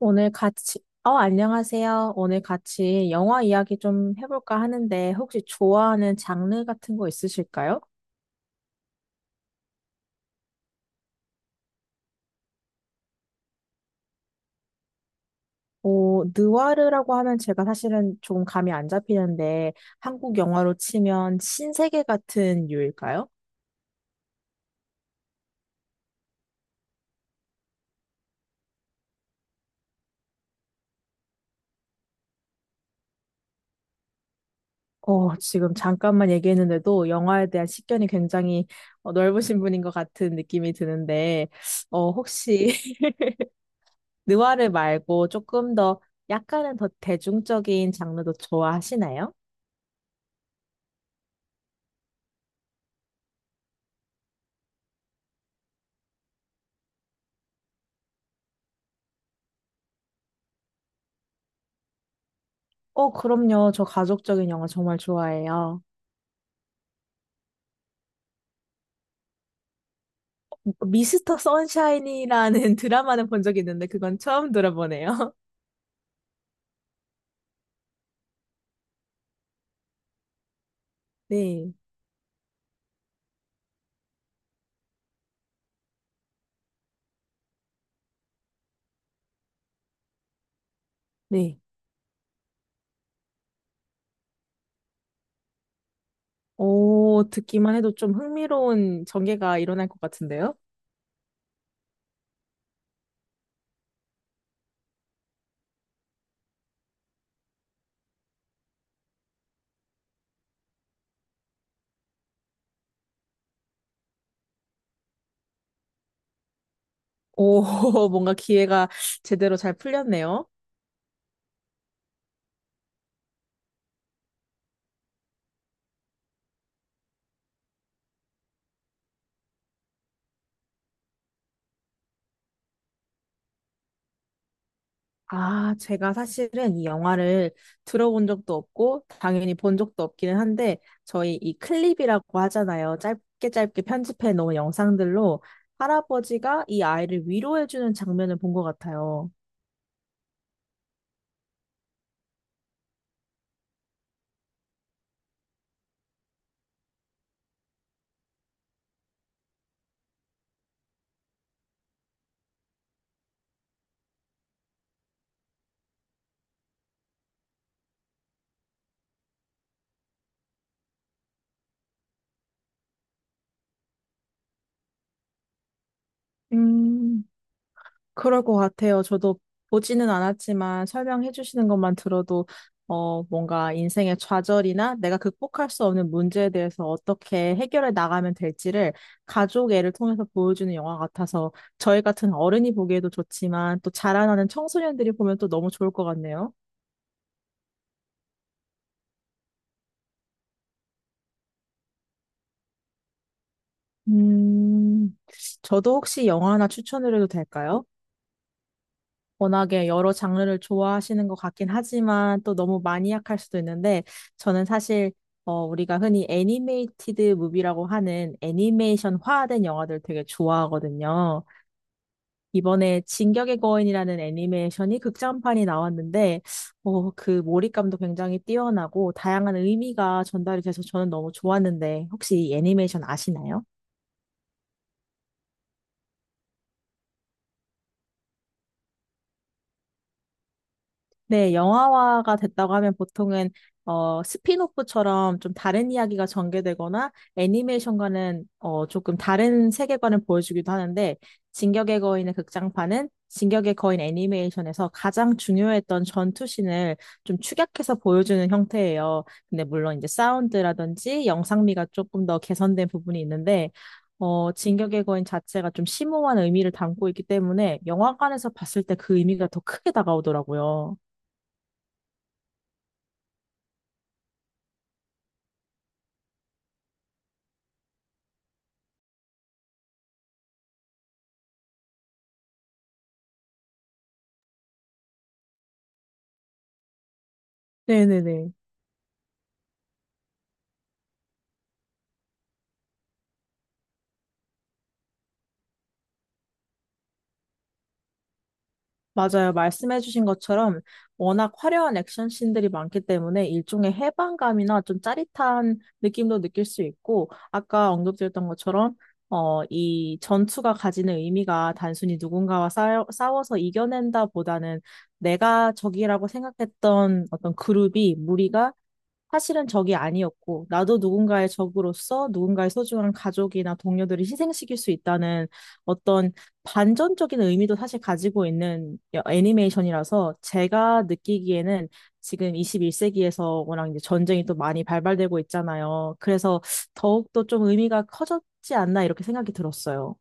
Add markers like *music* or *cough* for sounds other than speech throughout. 오늘 같이, 안녕하세요. 오늘 같이 영화 이야기 좀 해볼까 하는데, 혹시 좋아하는 장르 같은 거 있으실까요? 오, 느와르라고 하면 제가 사실은 좀 감이 안 잡히는데, 한국 영화로 치면 신세계 같은 유일까요? 지금 잠깐만 얘기했는데도 영화에 대한 식견이 굉장히 넓으신 분인 것 같은 느낌이 드는데, 혹시 *laughs* 느와르 말고 조금 더 약간은 더 대중적인 장르도 좋아하시나요? 그럼요. 저 가족적인 영화 정말 좋아해요. 미스터 선샤인이라는 *laughs* 드라마는 본 적이 있는데 그건 처음 들어보네요. *laughs* 네, 네. 오, 듣기만 해도 좀 흥미로운 전개가 일어날 것 같은데요? 오, *laughs* 뭔가 기회가 제대로 잘 풀렸네요. 아, 제가 사실은 이 영화를 들어본 적도 없고, 당연히 본 적도 없기는 한데, 저희 이 클립이라고 하잖아요. 짧게 편집해 놓은 영상들로 할아버지가 이 아이를 위로해주는 장면을 본 것 같아요. 음. 그럴 것 같아요. 저도 보지는 않았지만 설명해 주시는 것만 들어도 뭔가 인생의 좌절이나 내가 극복할 수 없는 문제에 대해서 어떻게 해결해 나가면 될지를 가족 애를 통해서 보여주는 영화 같아서 저희 같은 어른이 보기에도 좋지만 또 자라나는 청소년들이 보면 또 너무 좋을 것 같네요. 음, 저도 혹시 영화 하나 추천을 해도 될까요? 워낙에 여러 장르를 좋아하시는 것 같긴 하지만 또 너무 마니악할 수도 있는데 저는 사실 우리가 흔히 애니메이티드 무비라고 하는 애니메이션화된 영화들 되게 좋아하거든요. 이번에 진격의 거인이라는 애니메이션이 극장판이 나왔는데 어, 그 몰입감도 굉장히 뛰어나고 다양한 의미가 전달이 돼서 저는 너무 좋았는데 혹시 이 애니메이션 아시나요? 네, 영화화가 됐다고 하면 보통은 스핀오프처럼 좀 다른 이야기가 전개되거나 애니메이션과는 조금 다른 세계관을 보여주기도 하는데 진격의 거인의 극장판은 진격의 거인 애니메이션에서 가장 중요했던 전투신을 좀 축약해서 보여주는 형태예요. 근데 물론 이제 사운드라든지 영상미가 조금 더 개선된 부분이 있는데 진격의 거인 자체가 좀 심오한 의미를 담고 있기 때문에 영화관에서 봤을 때 그 의미가 더 크게 다가오더라고요. 네네네. 맞아요. 말씀해주신 것처럼 워낙 화려한 액션 씬들이 많기 때문에 일종의 해방감이나 좀 짜릿한 느낌도 느낄 수 있고, 아까 언급드렸던 것처럼, 이 전투가 가지는 의미가 단순히 누군가와 싸워서 이겨낸다 보다는 내가 적이라고 생각했던 어떤 그룹이, 무리가 사실은 적이 아니었고, 나도 누군가의 적으로서 누군가의 소중한 가족이나 동료들을 희생시킬 수 있다는 어떤 반전적인 의미도 사실 가지고 있는 애니메이션이라서 제가 느끼기에는 지금 21세기에서 워낙 이제 전쟁이 또 많이 발발되고 있잖아요. 그래서 더욱더 좀 의미가 커졌지 않나 이렇게 생각이 들었어요.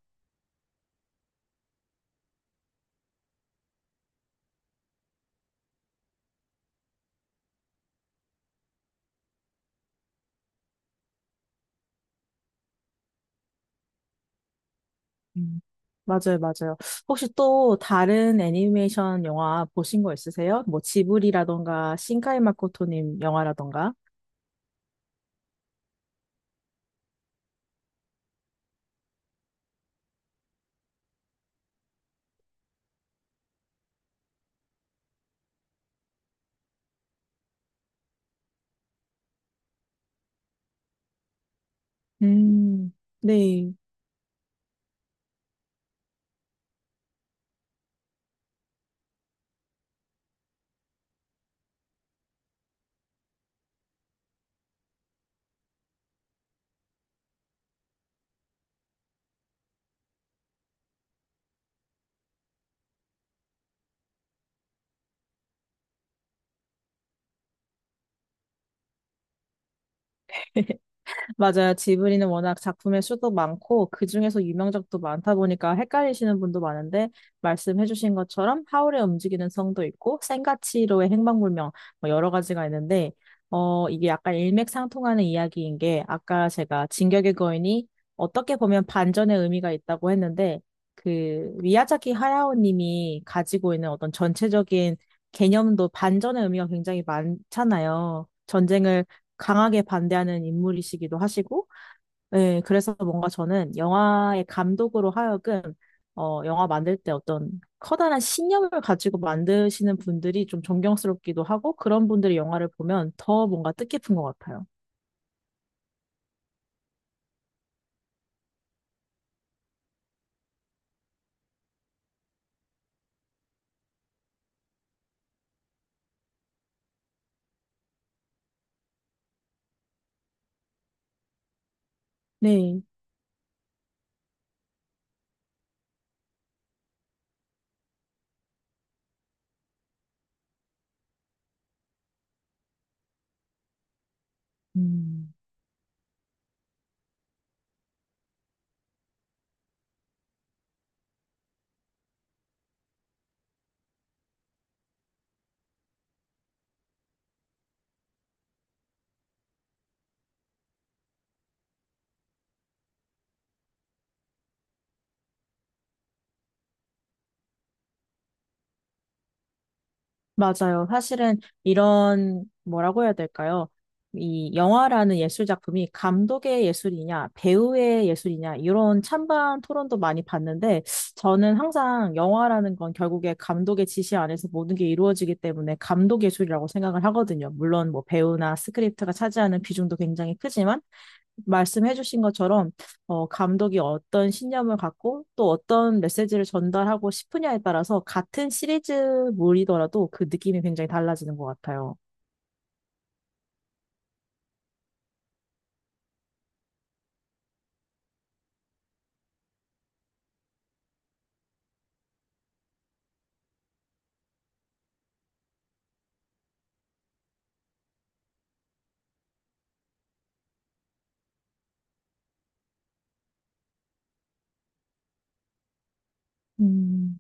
음, 맞아요, 맞아요. 혹시 또 다른 애니메이션 영화 보신 거 있으세요? 뭐 지브리라던가 신카이 마코토님 영화라던가? 음, 네. 맞아요. 지브리는 워낙 작품의 수도 많고, 그중에서 유명작도 많다 보니까 헷갈리시는 분도 많은데, 말씀해주신 것처럼 하울의 움직이는 성도 있고, 센가치로의 행방불명, 뭐 여러 가지가 있는데, 이게 약간 일맥상통하는 이야기인 게, 아까 제가 진격의 거인이 어떻게 보면 반전의 의미가 있다고 했는데, 그, 미야자키 하야오 님이 가지고 있는 어떤 전체적인 개념도 반전의 의미가 굉장히 많잖아요. 전쟁을 강하게 반대하는 인물이시기도 하시고, 예, 그래서 뭔가 저는 영화의 감독으로 하여금, 영화 만들 때 어떤 커다란 신념을 가지고 만드시는 분들이 좀 존경스럽기도 하고, 그런 분들이 영화를 보면 더 뭔가 뜻깊은 것 같아요. 네. 음. 맞아요. 사실은 이런, 뭐라고 해야 될까요? 이 영화라는 예술 작품이 감독의 예술이냐, 배우의 예술이냐, 이런 찬반 토론도 많이 봤는데, 저는 항상 영화라는 건 결국에 감독의 지시 안에서 모든 게 이루어지기 때문에 감독 예술이라고 생각을 하거든요. 물론 뭐 배우나 스크립트가 차지하는 비중도 굉장히 크지만, 말씀해 주신 것처럼 감독이 어떤 신념을 갖고 또 어떤 메시지를 전달하고 싶으냐에 따라서 같은 시리즈물이더라도 그 느낌이 굉장히 달라지는 것 같아요. 음.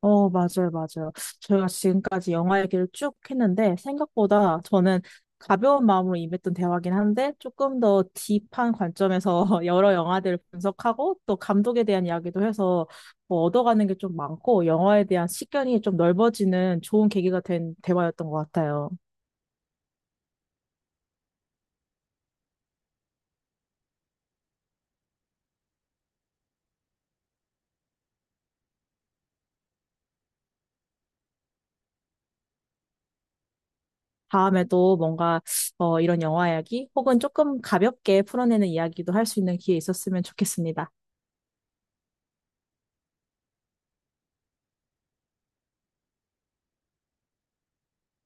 맞아요, 맞아요. 저희가 지금까지 영화 얘기를 쭉 했는데, 생각보다 저는 가벼운 마음으로 임했던 대화긴 한데, 조금 더 딥한 관점에서 *laughs* 여러 영화들을 분석하고, 또 감독에 대한 이야기도 해서 뭐 얻어가는 게 좀 많고, 영화에 대한 식견이 좀 넓어지는 좋은 계기가 된 대화였던 것 같아요. 다음에도 뭔가 이런 영화 이야기, 혹은 조금 가볍게 풀어내는 이야기도 할 수 있는 기회 있었으면 좋겠습니다.